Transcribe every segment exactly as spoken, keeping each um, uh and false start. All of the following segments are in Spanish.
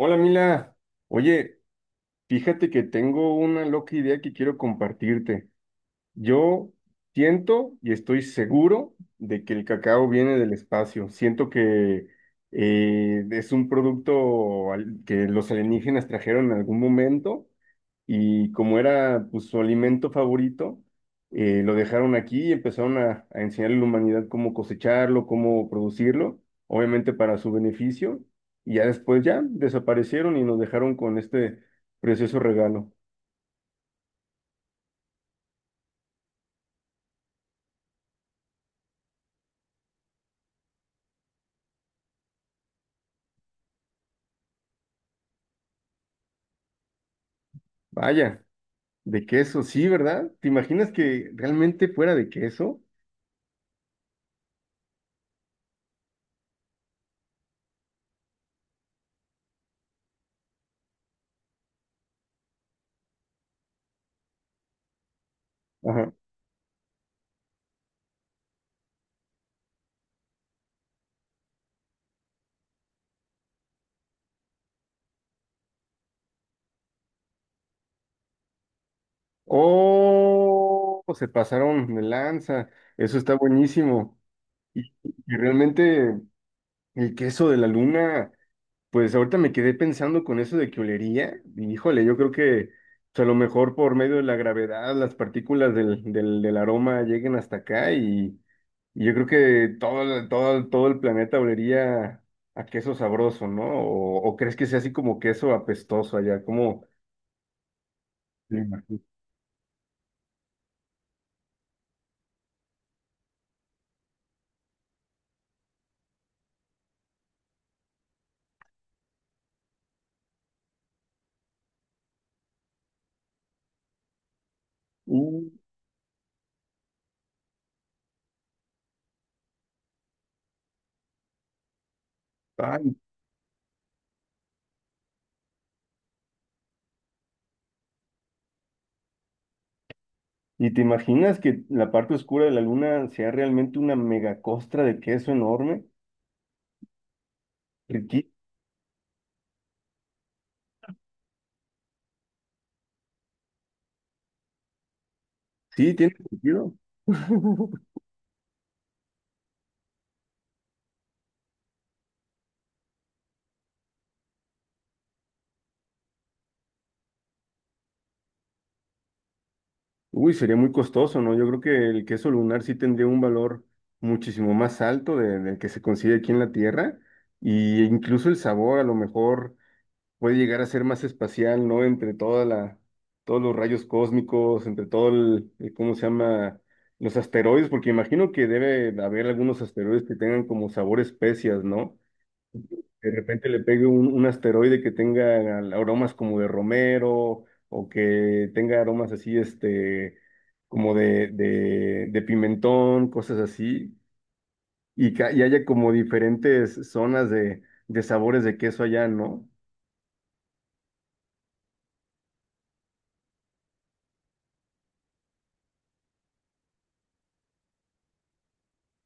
Hola Mila, oye, fíjate que tengo una loca idea que quiero compartirte. Yo siento y estoy seguro de que el cacao viene del espacio. Siento que eh, es un producto al- que los alienígenas trajeron en algún momento y como era, pues, su alimento favorito, eh, lo dejaron aquí y empezaron a, a enseñarle a la humanidad cómo cosecharlo, cómo producirlo, obviamente para su beneficio, y ya después ya desaparecieron y nos dejaron con este precioso regalo. Vaya, de queso, sí, ¿verdad? ¿Te imaginas que realmente fuera de queso? Ajá. Oh, se pasaron de lanza, eso está buenísimo. Y, y realmente el queso de la luna. Pues ahorita me quedé pensando con eso de que olería, y híjole, yo creo que, pues, a lo mejor por medio de la gravedad las partículas del, del, del aroma lleguen hasta acá y, y yo creo que todo, el- todo, el- todo el planeta olería a queso sabroso, ¿no? ¿O, o crees que sea así como queso apestoso allá, como... te imaginas? Uh, ay, ¿y te imaginas que la parte oscura de la luna sea realmente una megacostra de queso enorme? Riqui- Sí, tiene sentido. Uy, sería muy costoso, ¿no? Yo creo que el queso lunar sí tendría un valor muchísimo más alto de- del que se consigue aquí en la Tierra, y incluso el sabor a lo mejor puede llegar a ser más espacial, ¿no? Entre toda la, todos los rayos cósmicos, entre todo el, el- ¿cómo se llama? Los asteroides, porque imagino que debe haber algunos asteroides que tengan como sabor especias, ¿no? De repente le pegue un, un asteroide que tenga al- aromas como de romero o que tenga aromas así, este, como de, de, de pimentón, cosas así, y, ca y haya como diferentes zonas de, de sabores de queso allá, ¿no?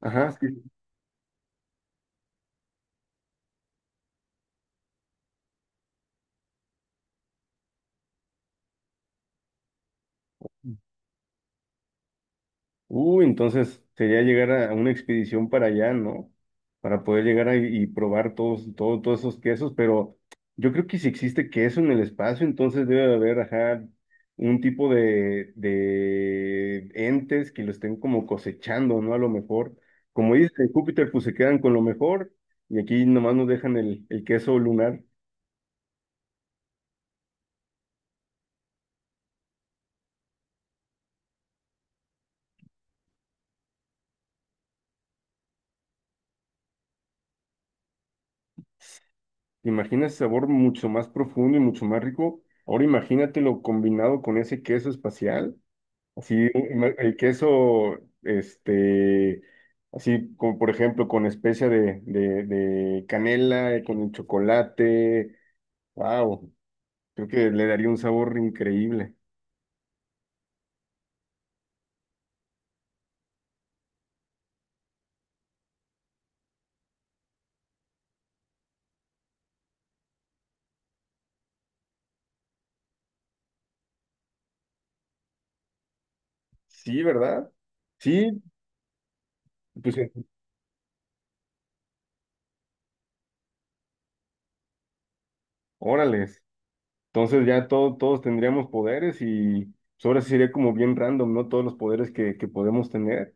Ajá, sí. Uh, entonces sería llegar a a una expedición para allá, ¿no? Para poder llegar ahí y probar todos, todo- todos esos quesos, pero yo creo que si existe queso en el espacio, entonces debe de haber, ajá, un tipo de, de entes que lo estén como cosechando, ¿no? A lo mejor, como dice Júpiter, pues se quedan con lo mejor y aquí nomás nos dejan el, el queso lunar. ¿Te imaginas ese sabor mucho más profundo y mucho más rico? Ahora imagínatelo combinado con ese queso espacial. Sí, me- el queso, este, así como por ejemplo con especia de, de, de canela, eh, con el chocolate, wow, creo que le daría un sabor increíble. Sí, ¿verdad? Sí, pues, eh, órales. Entonces ya todo- todos tendríamos poderes y, pues, ahora sí sería como bien random, ¿no? Todos los poderes que, que podemos tener.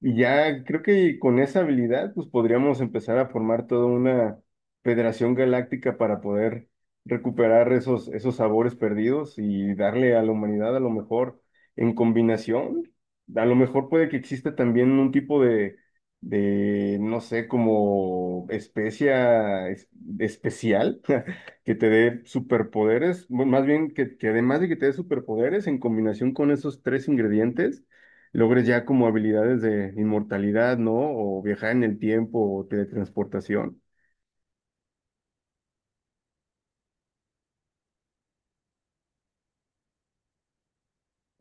Y ya creo que con esa habilidad, pues, podríamos empezar a formar toda una federación galáctica para poder recuperar esos, esos sabores perdidos y darle a la humanidad a lo mejor en combinación. A lo mejor puede que exista también un tipo de, de no sé, como especia es- especial que te dé superpoderes, bueno, más bien que, que además de que te dé superpoderes en combinación con esos tres ingredientes logres ya como habilidades de inmortalidad, ¿no? O viajar en el tiempo o teletransportación.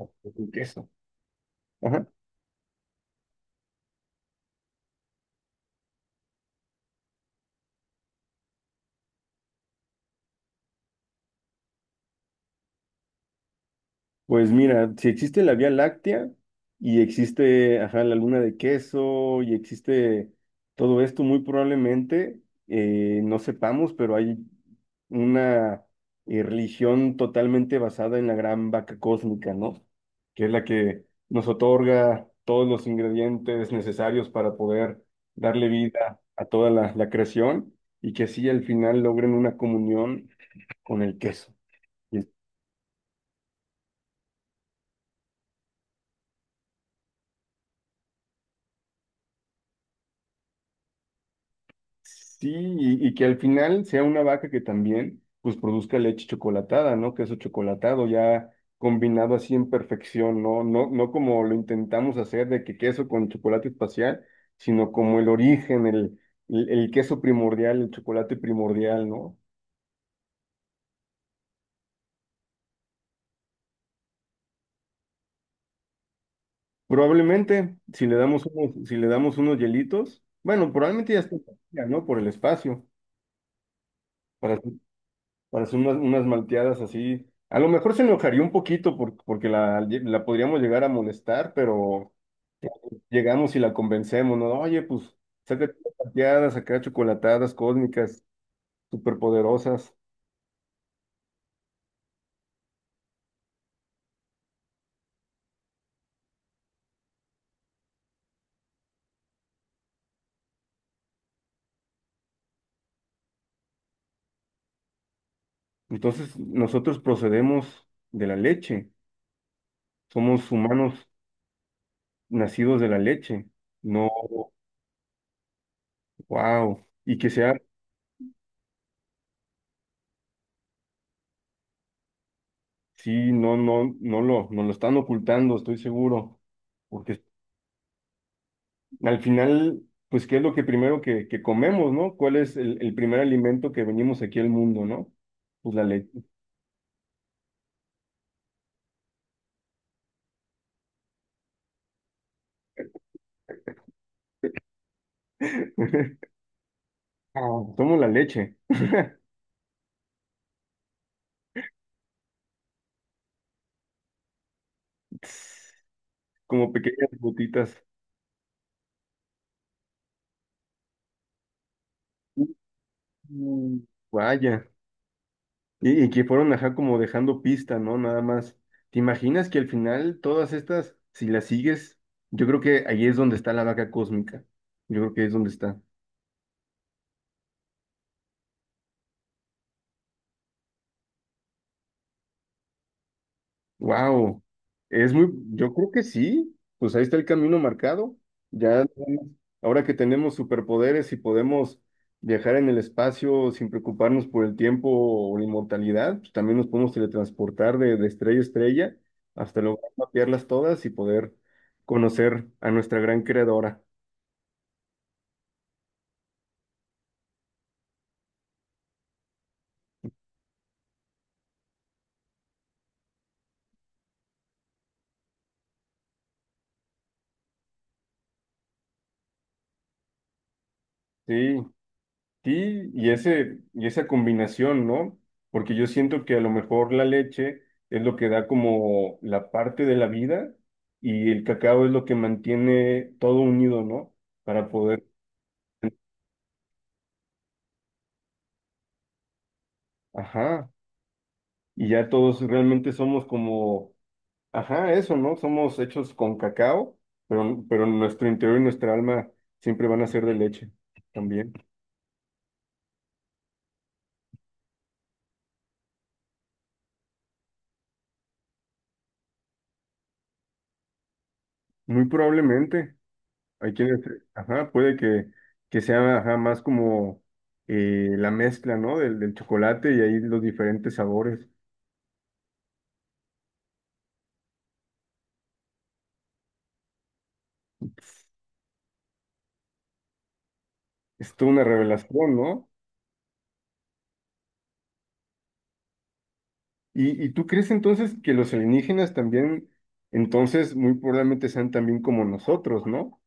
Un queso. Ajá. Pues mira, si existe la Vía Láctea y existe, ajá, la luna de queso y existe todo esto, muy probablemente, eh, no sepamos, pero hay una, eh, religión totalmente basada en la gran vaca cósmica, ¿no? Que es la que nos otorga todos los ingredientes necesarios para poder darle vida a toda la, la creación, y que así al final logren una comunión con el queso. Sí, y, y que al final sea una vaca que también pues produzca leche chocolatada, ¿no? Queso chocolatado ya combinado así en perfección, ¿no? No, no como lo intentamos hacer de que queso con chocolate espacial, sino como el origen, el, el, el queso primordial, el chocolate primordial, ¿no? Probablemente si le damos unos, si le damos unos hielitos, bueno, probablemente ya está, ¿no? Por el espacio, para para hacer unas, unas malteadas así. A lo mejor se enojaría un poquito por- porque la, la podríamos llegar a molestar, pero llegamos y la convencemos, ¿no? Oye, pues, sácate unas malteadas, acá chocolatadas cósmicas, superpoderosas. Entonces, nosotros procedemos de la leche. Somos humanos nacidos de la leche. No, wow. Y que sea, sí, no, no, no lo, no lo están ocultando, estoy seguro. Porque al final, pues, ¿qué es lo que primero que, que comemos, ¿no? ¿Cuál es el, el primer alimento que venimos aquí al mundo, ¿no? Pues la leche. Somos la leche. Tss, como pequeñas gotitas. Mm, vaya. Y, y que fueron, ajá, como dejando pista, ¿no? Nada más. ¿Te imaginas que al final todas estas, si las sigues, yo creo que ahí es donde está la vaca cósmica. Yo creo que ahí es donde está. Wow, es muy, yo creo que sí, pues ahí está el camino marcado. Ya, ahora que tenemos superpoderes y podemos viajar en el espacio sin preocuparnos por el tiempo o la inmortalidad, pues también nos podemos teletransportar de, de estrella a estrella hasta lograr mapearlas todas y poder conocer a nuestra gran creadora. Sí, sí, y ese, y esa combinación, ¿no? Porque yo siento que a lo mejor la leche es lo que da como la parte de la vida y el cacao es lo que mantiene todo unido, ¿no? Para poder, ajá, y ya todos realmente somos como, ajá, eso, ¿no? Somos hechos con cacao, pero, pero nuestro interior y nuestra alma siempre van a ser de leche también, muy probablemente. Hay quienes, ajá, puede que, que sea ajá, más como, eh, la mezcla, ¿no? Del, del chocolate y ahí los diferentes sabores. Es toda una revelación, ¿no? ¿Y, y tú crees entonces que los alienígenas también, entonces, muy probablemente sean también como nosotros, ¿no?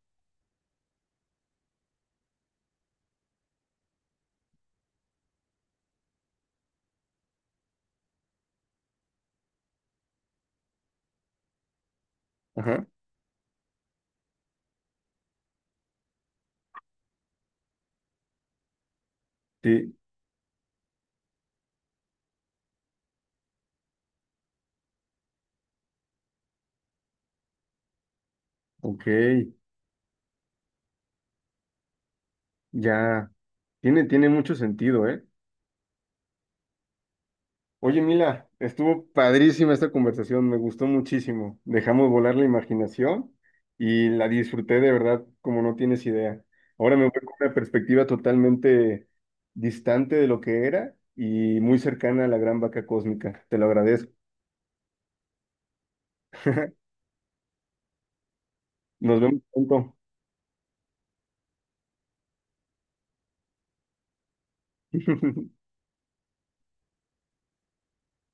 Ajá, sí, ok, ya, tiene, tiene mucho sentido, ¿eh? Oye, Mila, estuvo padrísima esta conversación, me gustó muchísimo. Dejamos volar la imaginación y la disfruté de verdad como no tienes idea. Ahora me voy con una perspectiva totalmente distante de lo que era y muy cercana a la gran vaca cósmica. Te lo agradezco. Nos vemos pronto.